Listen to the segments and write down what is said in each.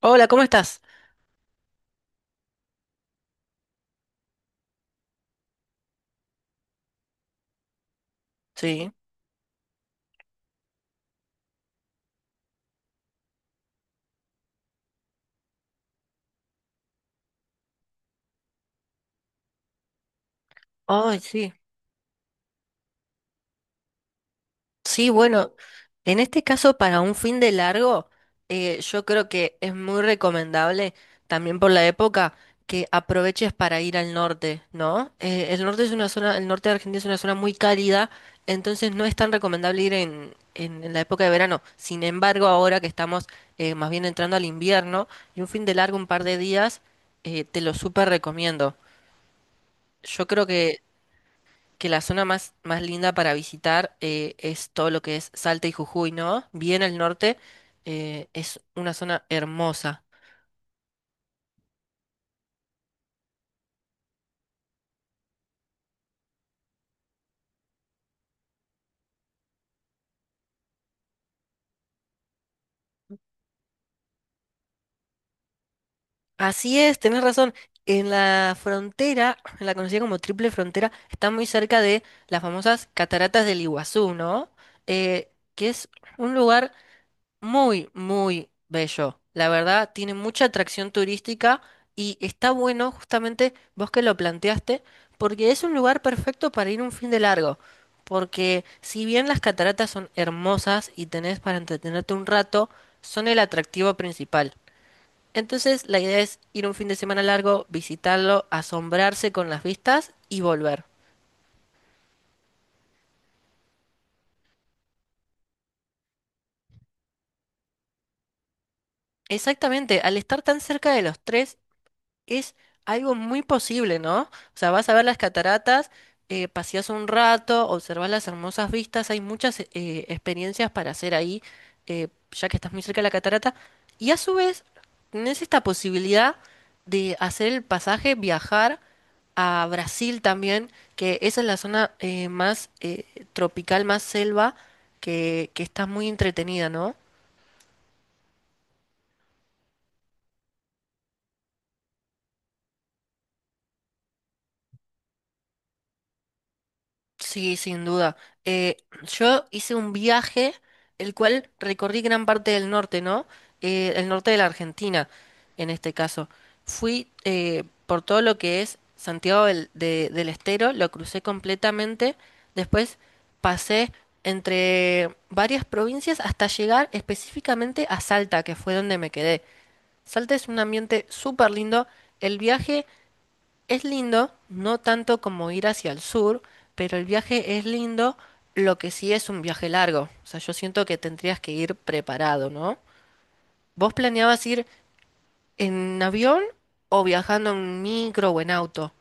Hola, ¿cómo estás? Sí. Ay, sí. Sí, bueno, en este caso para un fin de largo, yo creo que es muy recomendable, también por la época, que aproveches para ir al norte, ¿no? El norte es una zona, el norte de Argentina es una zona muy cálida, entonces no es tan recomendable ir en la época de verano. Sin embargo, ahora que estamos más bien entrando al invierno y un fin de largo, un par de días, te lo súper recomiendo. Yo creo que la zona más, más linda para visitar es todo lo que es Salta y Jujuy, ¿no? Bien al norte, es una zona hermosa. Así es, tenés razón. En la frontera, en la conocida como Triple Frontera, está muy cerca de las famosas Cataratas del Iguazú, ¿no? Que es un lugar muy, muy bello. La verdad, tiene mucha atracción turística y está bueno justamente vos que lo planteaste, porque es un lugar perfecto para ir un fin de largo. Porque si bien las cataratas son hermosas y tenés para entretenerte un rato, son el atractivo principal. Entonces, la idea es ir un fin de semana largo, visitarlo, asombrarse con las vistas y volver. Exactamente, al estar tan cerca de los tres, es algo muy posible, ¿no? O sea, vas a ver las cataratas, paseas un rato, observas las hermosas vistas, hay muchas experiencias para hacer ahí, ya que estás muy cerca de la catarata, y a su vez tenés esta posibilidad de hacer el pasaje, viajar a Brasil también, que esa es la zona más tropical, más selva, que está muy entretenida, ¿no? Sí, sin duda. Eh, yo hice un viaje, el cual recorrí gran parte del norte, ¿no? El norte de la Argentina, en este caso. Fui por todo lo que es Santiago del Estero, lo crucé completamente. Después pasé entre varias provincias hasta llegar específicamente a Salta, que fue donde me quedé. Salta es un ambiente súper lindo. El viaje es lindo, no tanto como ir hacia el sur, pero el viaje es lindo, lo que sí es un viaje largo. O sea, yo siento que tendrías que ir preparado, ¿no? ¿Vos planeabas ir en avión o viajando en micro o en auto?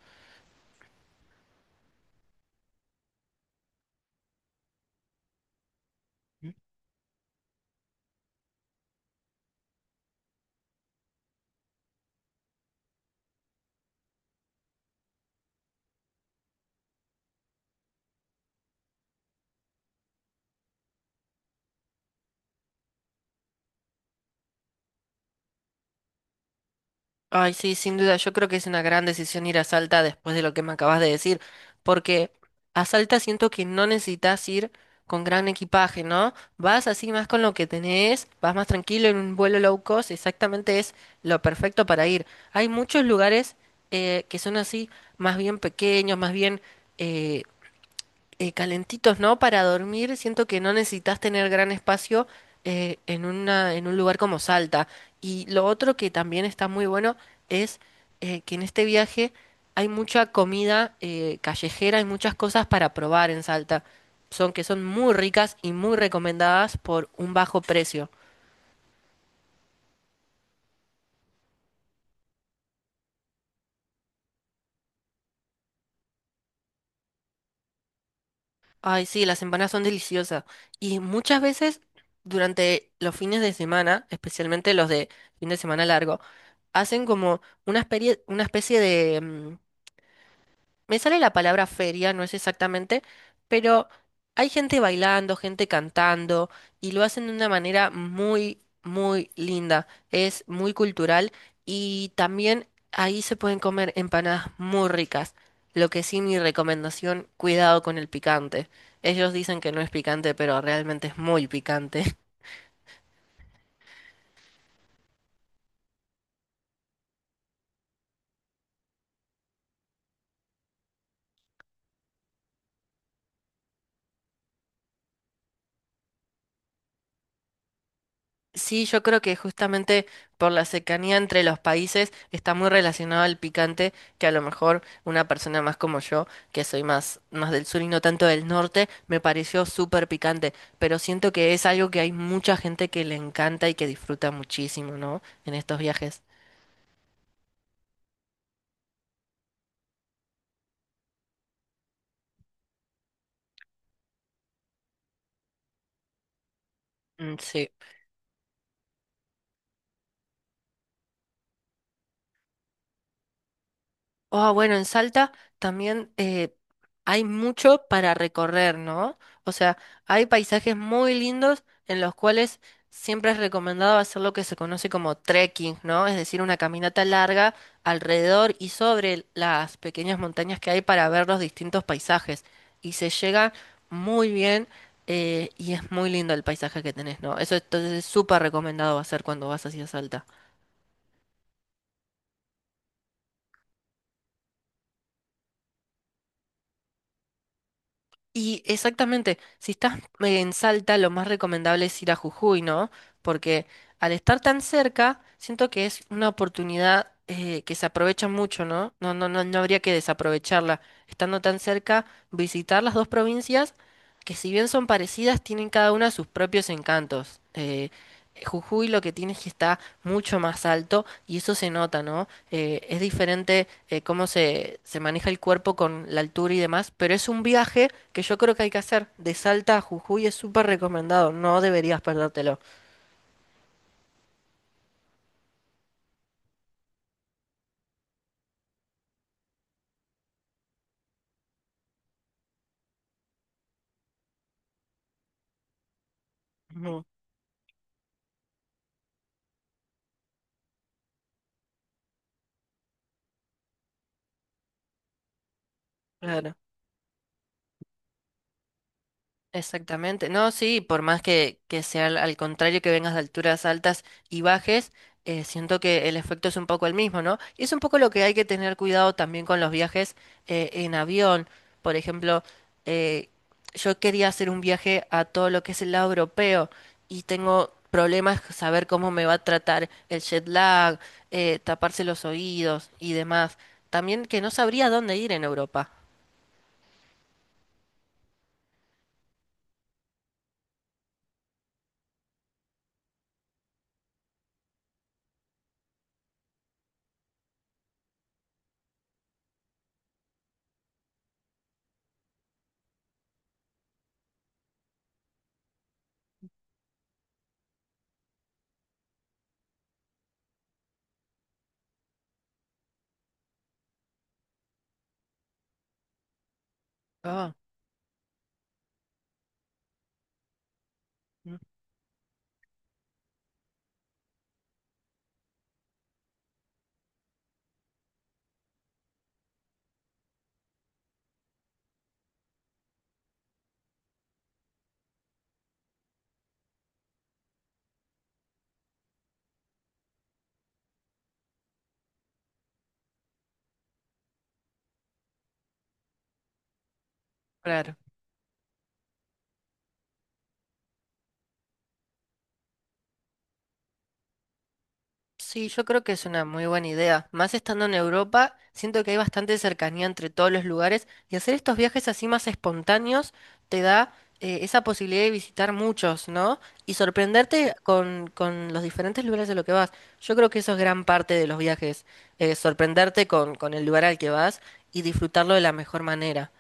Ay, sí, sin duda, yo creo que es una gran decisión ir a Salta después de lo que me acabas de decir, porque a Salta siento que no necesitas ir con gran equipaje, ¿no? Vas así más con lo que tenés, vas más tranquilo en un vuelo low cost, exactamente es lo perfecto para ir. Hay muchos lugares que son así, más bien pequeños, más bien... eh, calentitos, ¿no? Para dormir, siento que no necesitas tener gran espacio en un lugar como Salta. Y lo otro que también está muy bueno es que en este viaje hay mucha comida callejera, hay muchas cosas para probar en Salta. Son que son muy ricas y muy recomendadas por un bajo precio. Ay, sí, las empanadas son deliciosas. Y muchas veces durante los fines de semana, especialmente los de fin de semana largo, hacen como una especie de... me sale la palabra feria, no es exactamente, pero hay gente bailando, gente cantando, y lo hacen de una manera muy, muy linda. Es muy cultural y también ahí se pueden comer empanadas muy ricas. Lo que sí, mi recomendación, cuidado con el picante. Ellos dicen que no es picante, pero realmente es muy picante. Sí, yo creo que justamente por la cercanía entre los países está muy relacionado al picante, que a lo mejor una persona más como yo, que soy más, más del sur y no tanto del norte, me pareció súper picante, pero siento que es algo que hay mucha gente que le encanta y que disfruta muchísimo, ¿no? En estos viajes. Mm, sí. Ah, bueno, en Salta también hay mucho para recorrer, ¿no? O sea, hay paisajes muy lindos en los cuales siempre es recomendado hacer lo que se conoce como trekking, ¿no? Es decir, una caminata larga alrededor y sobre las pequeñas montañas que hay para ver los distintos paisajes. Y se llega muy bien y es muy lindo el paisaje que tenés, ¿no? Eso entonces es súper recomendado hacer cuando vas hacia Salta. Y exactamente, si estás en Salta, lo más recomendable es ir a Jujuy, ¿no? Porque al estar tan cerca, siento que es una oportunidad que se aprovecha mucho, ¿no? No, no, no, no habría que desaprovecharla. Estando tan cerca, visitar las dos provincias, que si bien son parecidas, tienen cada una sus propios encantos. Jujuy lo que tiene es que está mucho más alto y eso se nota, ¿no? Es diferente cómo se maneja el cuerpo con la altura y demás, pero es un viaje que yo creo que hay que hacer. De Salta a Jujuy es súper recomendado, no deberías perdértelo. Ujú. Claro. Exactamente. No, sí, por más que sea al contrario, que vengas de alturas altas y bajes, siento que el efecto es un poco el mismo, ¿no? Y es un poco lo que hay que tener cuidado también con los viajes en avión. Por ejemplo, eh, yo quería hacer un viaje a todo lo que es el lado europeo y tengo problemas saber cómo me va a tratar el jet lag, taparse los oídos y demás. También que no sabría dónde ir en Europa. Ah, mm, claro. Sí, yo creo que es una muy buena idea. Más estando en Europa, siento que hay bastante cercanía entre todos los lugares y hacer estos viajes así más espontáneos te da esa posibilidad de visitar muchos, ¿no? Y sorprenderte con los diferentes lugares a los que vas. Yo creo que eso es gran parte de los viajes, sorprenderte con el lugar al que vas y disfrutarlo de la mejor manera.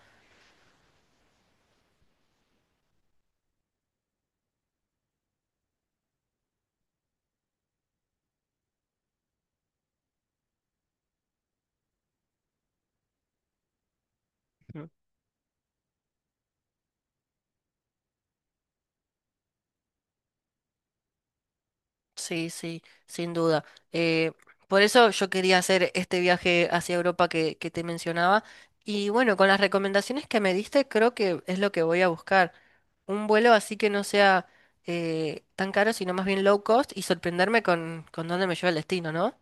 Sí, sí, sin duda. Eh, por eso yo quería hacer este viaje hacia Europa que te mencionaba. Y bueno, con las recomendaciones que me diste, creo que es lo que voy a buscar. Un vuelo así que no sea tan caro, sino más bien low cost, y sorprenderme con dónde me lleva el destino, ¿no?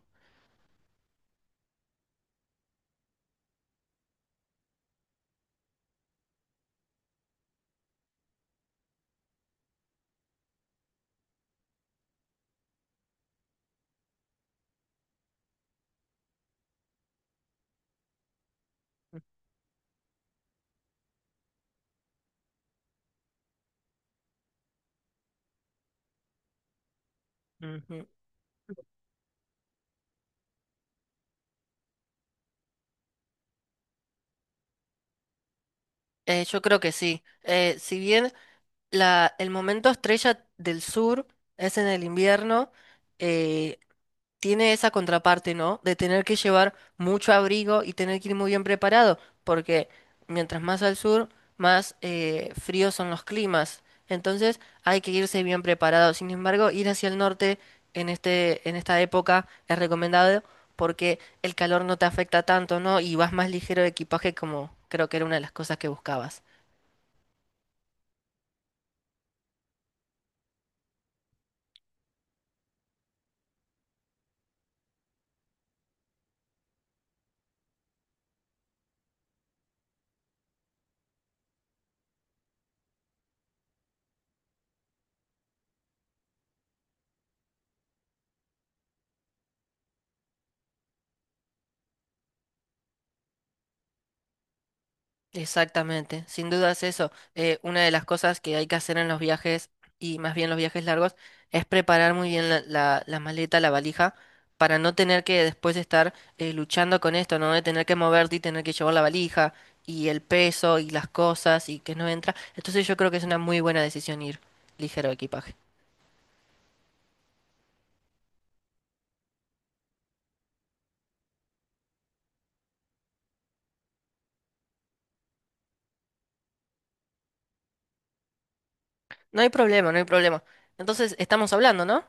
Ujú. Yo creo que sí. Si bien la, el momento estrella del sur es en el invierno, eh, tiene esa contraparte, ¿no? De tener que llevar mucho abrigo y tener que ir muy bien preparado, porque mientras más al sur, más fríos son los climas. Entonces hay que irse bien preparado. Sin embargo, ir hacia el norte en este, en esta época es recomendado porque el calor no te afecta tanto, ¿no? Y vas más ligero de equipaje, como creo que era una de las cosas que buscabas. Exactamente, sin duda es eso. Una de las cosas que hay que hacer en los viajes, y más bien los viajes largos, es preparar muy bien la, la maleta, la valija, para no tener que después estar luchando con esto, ¿no? De tener que moverte y tener que llevar la valija y el peso y las cosas y que no entra. Entonces yo creo que es una muy buena decisión ir ligero de equipaje. No hay problema, no hay problema. Entonces estamos hablando, ¿no?